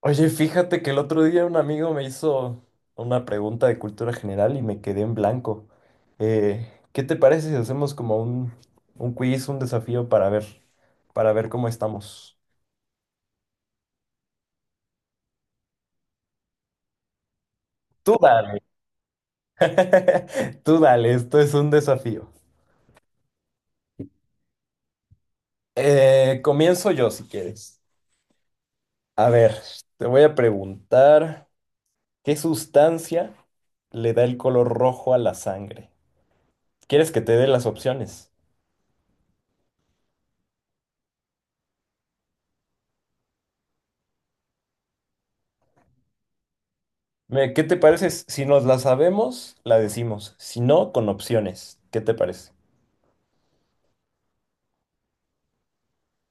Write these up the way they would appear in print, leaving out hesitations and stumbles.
Oye, fíjate que el otro día un amigo me hizo una pregunta de cultura general y me quedé en blanco. ¿Qué te parece si hacemos como un quiz, un desafío para ver cómo estamos? Tú dale. Tú dale, esto es un desafío. Comienzo yo si quieres. A ver, te voy a preguntar, ¿qué sustancia le da el color rojo a la sangre? ¿Quieres que te dé las opciones? ¿Qué te parece? Si nos la sabemos, la decimos. Si no, con opciones. ¿Qué te parece?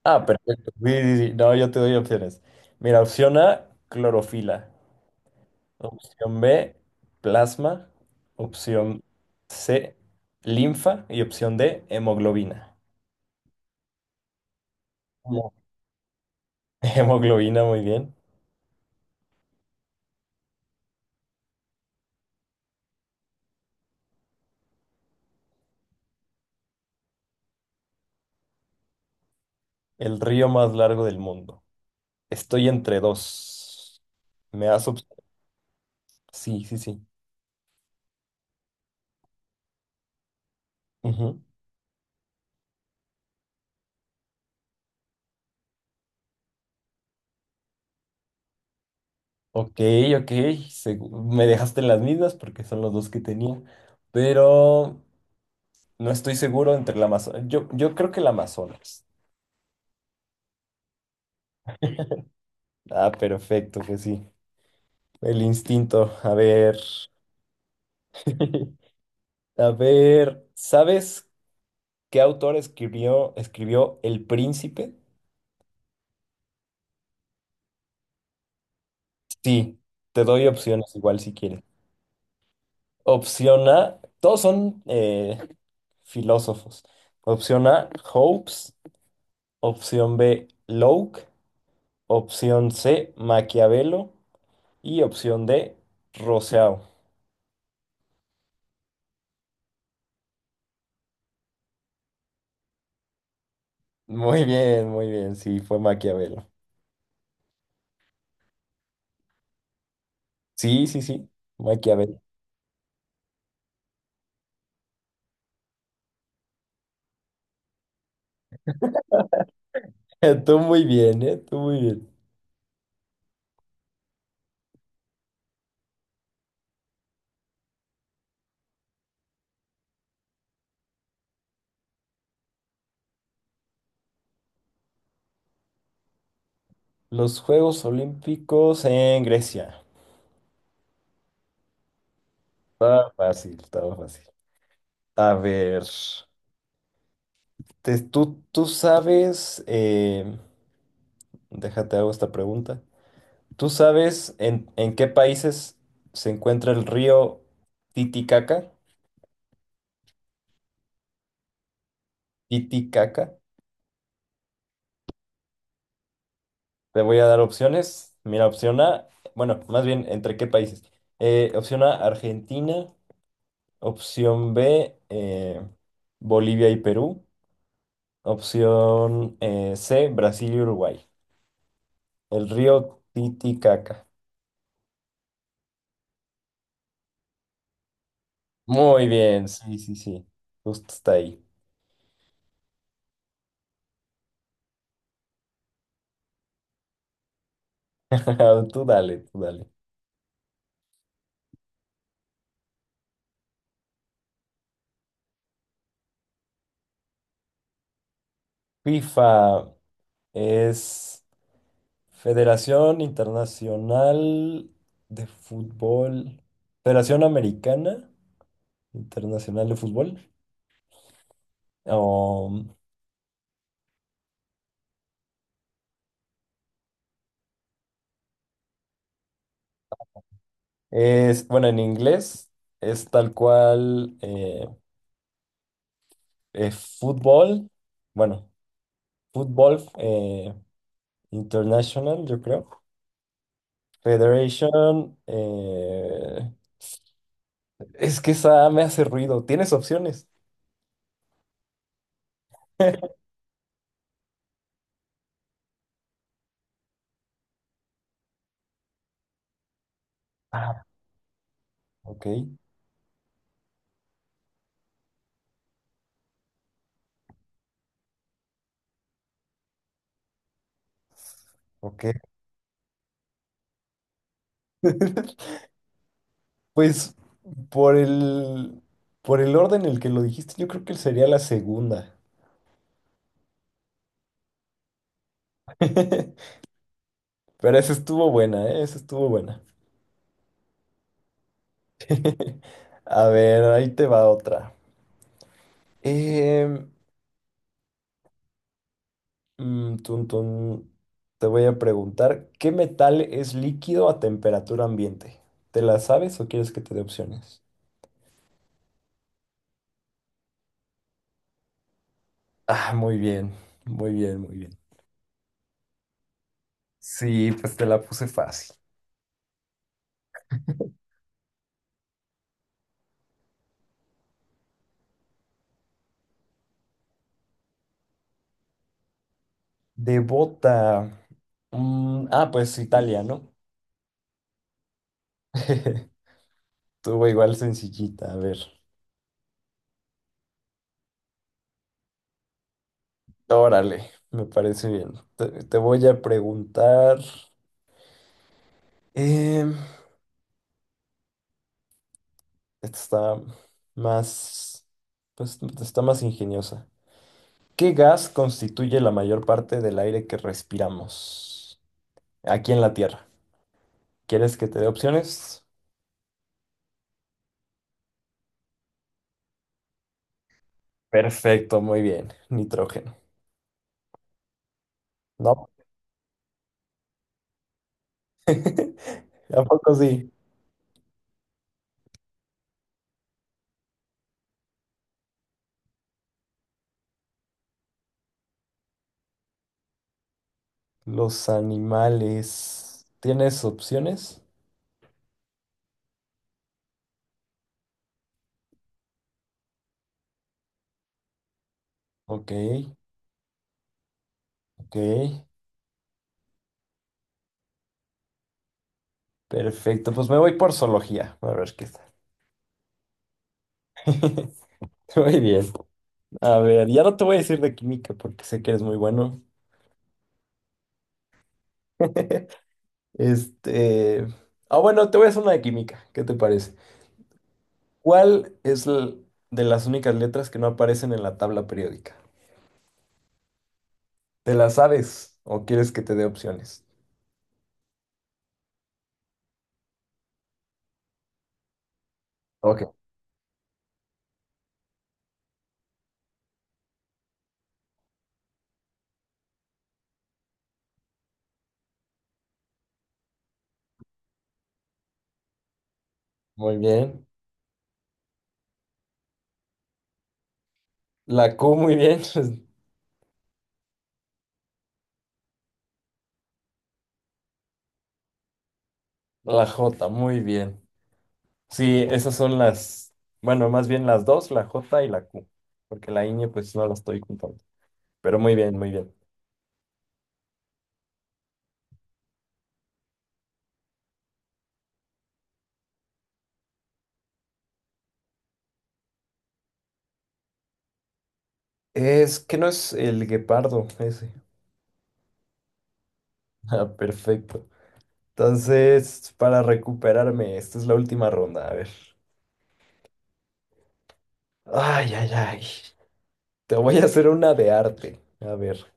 Ah, perfecto. Sí, sí, sí. No, yo te doy opciones. Mira, opción A, clorofila. Opción B, plasma. Opción C, linfa. Y opción D, hemoglobina. Mo- Hemoglobina, muy bien. El río más largo del mundo. Estoy entre dos. ¿Me das opción? Sí, sí, sí. Ujú. Ok, ok, me dejaste en las mismas porque son los dos que tenía, pero no estoy seguro entre la Amazonas. Yo creo que la Amazonas. Ah, perfecto, que sí. El instinto. A ver. A ver, ¿sabes qué autor escribió El Príncipe? Sí, te doy opciones igual si quieres. Opción A, todos son filósofos. Opción A, Hobbes. Opción B, Locke. Opción C, Maquiavelo. Y opción D, Rousseau. Muy bien, muy bien. Sí, fue Maquiavelo. Sí, sí, sí, Maquiavelo. Tú muy bien, ¿eh? Tú muy bien. Los Juegos Olímpicos en Grecia. Estaba fácil, estaba fácil. A ver, tú sabes, déjate hago esta pregunta. ¿Tú sabes en qué países se encuentra el río Titicaca? Titicaca. Te voy a dar opciones. Mira, opción A, bueno, más bien, ¿entre qué países? Opción A, Argentina. Opción B, Bolivia y Perú. Opción C, Brasil y Uruguay. El río Titicaca. Muy bien, sí, sí, sí. Justo está ahí. Tú dale, tú dale. FIFA es Federación Internacional de Fútbol. Federación Americana Internacional de Fútbol. O es, bueno, en inglés es tal cual fútbol, bueno, fútbol international, yo creo. Federation, es que esa me hace ruido. ¿Tienes opciones? Ah, ok, ok. Pues por el, por el orden en el que lo dijiste, yo creo que sería la segunda. Pero esa estuvo buena, ¿eh? Esa estuvo buena. A ver, ahí te va otra. Eh, tun, tun. Te voy a preguntar, ¿qué metal es líquido a temperatura ambiente? ¿Te la sabes o quieres que te dé opciones? Ah, muy bien, muy bien, muy bien. Sí, pues te la puse fácil. De bota. Mm, ah, pues Italia, ¿no? Estuvo igual sencillita, a ver. Órale, me parece bien. Te voy a preguntar. em, Esta está más, pues está más ingeniosa. ¿Qué gas constituye la mayor parte del aire que respiramos aquí en la Tierra? ¿Quieres que te dé opciones? Perfecto, muy bien. Nitrógeno. No. ¿A poco sí? Los animales. ¿Tienes opciones? Ok, ok. Perfecto, pues me voy por zoología. A ver qué tal. Muy bien. A ver, ya no te voy a decir de química porque sé que eres muy bueno. Este. Ah, bueno, te voy a hacer una de química. ¿Qué te parece? ¿Cuál es l- de las únicas letras que no aparecen en la tabla periódica? ¿Te la sabes o quieres que te dé opciones? Ok, muy bien. La Q, muy bien. La J, muy bien. Sí, esas son las. Bueno, más bien las dos, la J y la Q. Porque la ñ, pues no la estoy contando. Pero muy bien, muy bien. Es que no es el guepardo ese. Ah, perfecto. Entonces, para recuperarme, esta es la última ronda. A ver. Ay, ay, ay. Te voy a hacer una de arte. A ver.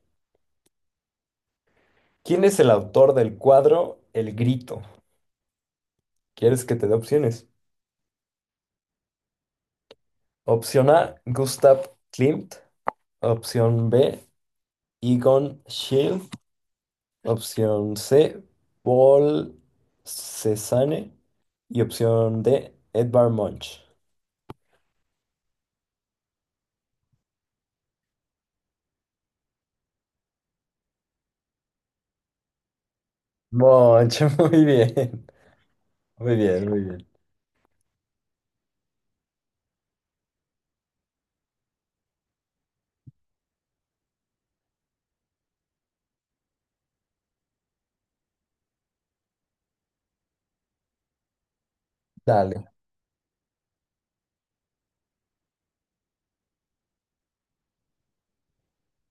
¿Quién es el autor del cuadro El Grito? ¿Quieres que te dé opciones? Opción A, Gustav Klimt. Opción B, Egon Schiele. Opción C, Paul Cézanne. Y opción D, Edvard Munch. Munch, muy bien. Muy bien, muy bien. Dale.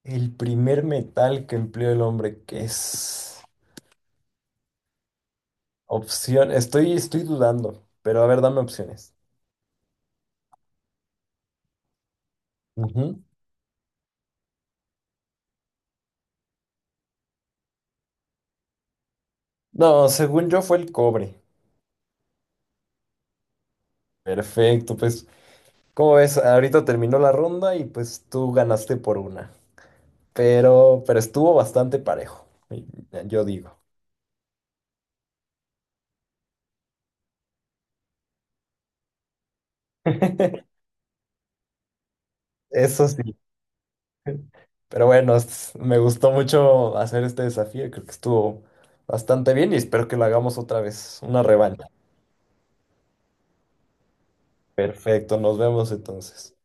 El primer metal que empleó el hombre, que es opción. Estoy dudando, pero a ver, dame opciones. Ujú. No, según yo fue el cobre. Perfecto, pues, como ves, ahorita terminó la ronda y pues tú ganaste por una. Pero estuvo bastante parejo, yo digo. Eso sí. Pero bueno, me gustó mucho hacer este desafío. Creo que estuvo bastante bien y espero que lo hagamos otra vez. Una revancha. Perfecto, nos vemos entonces.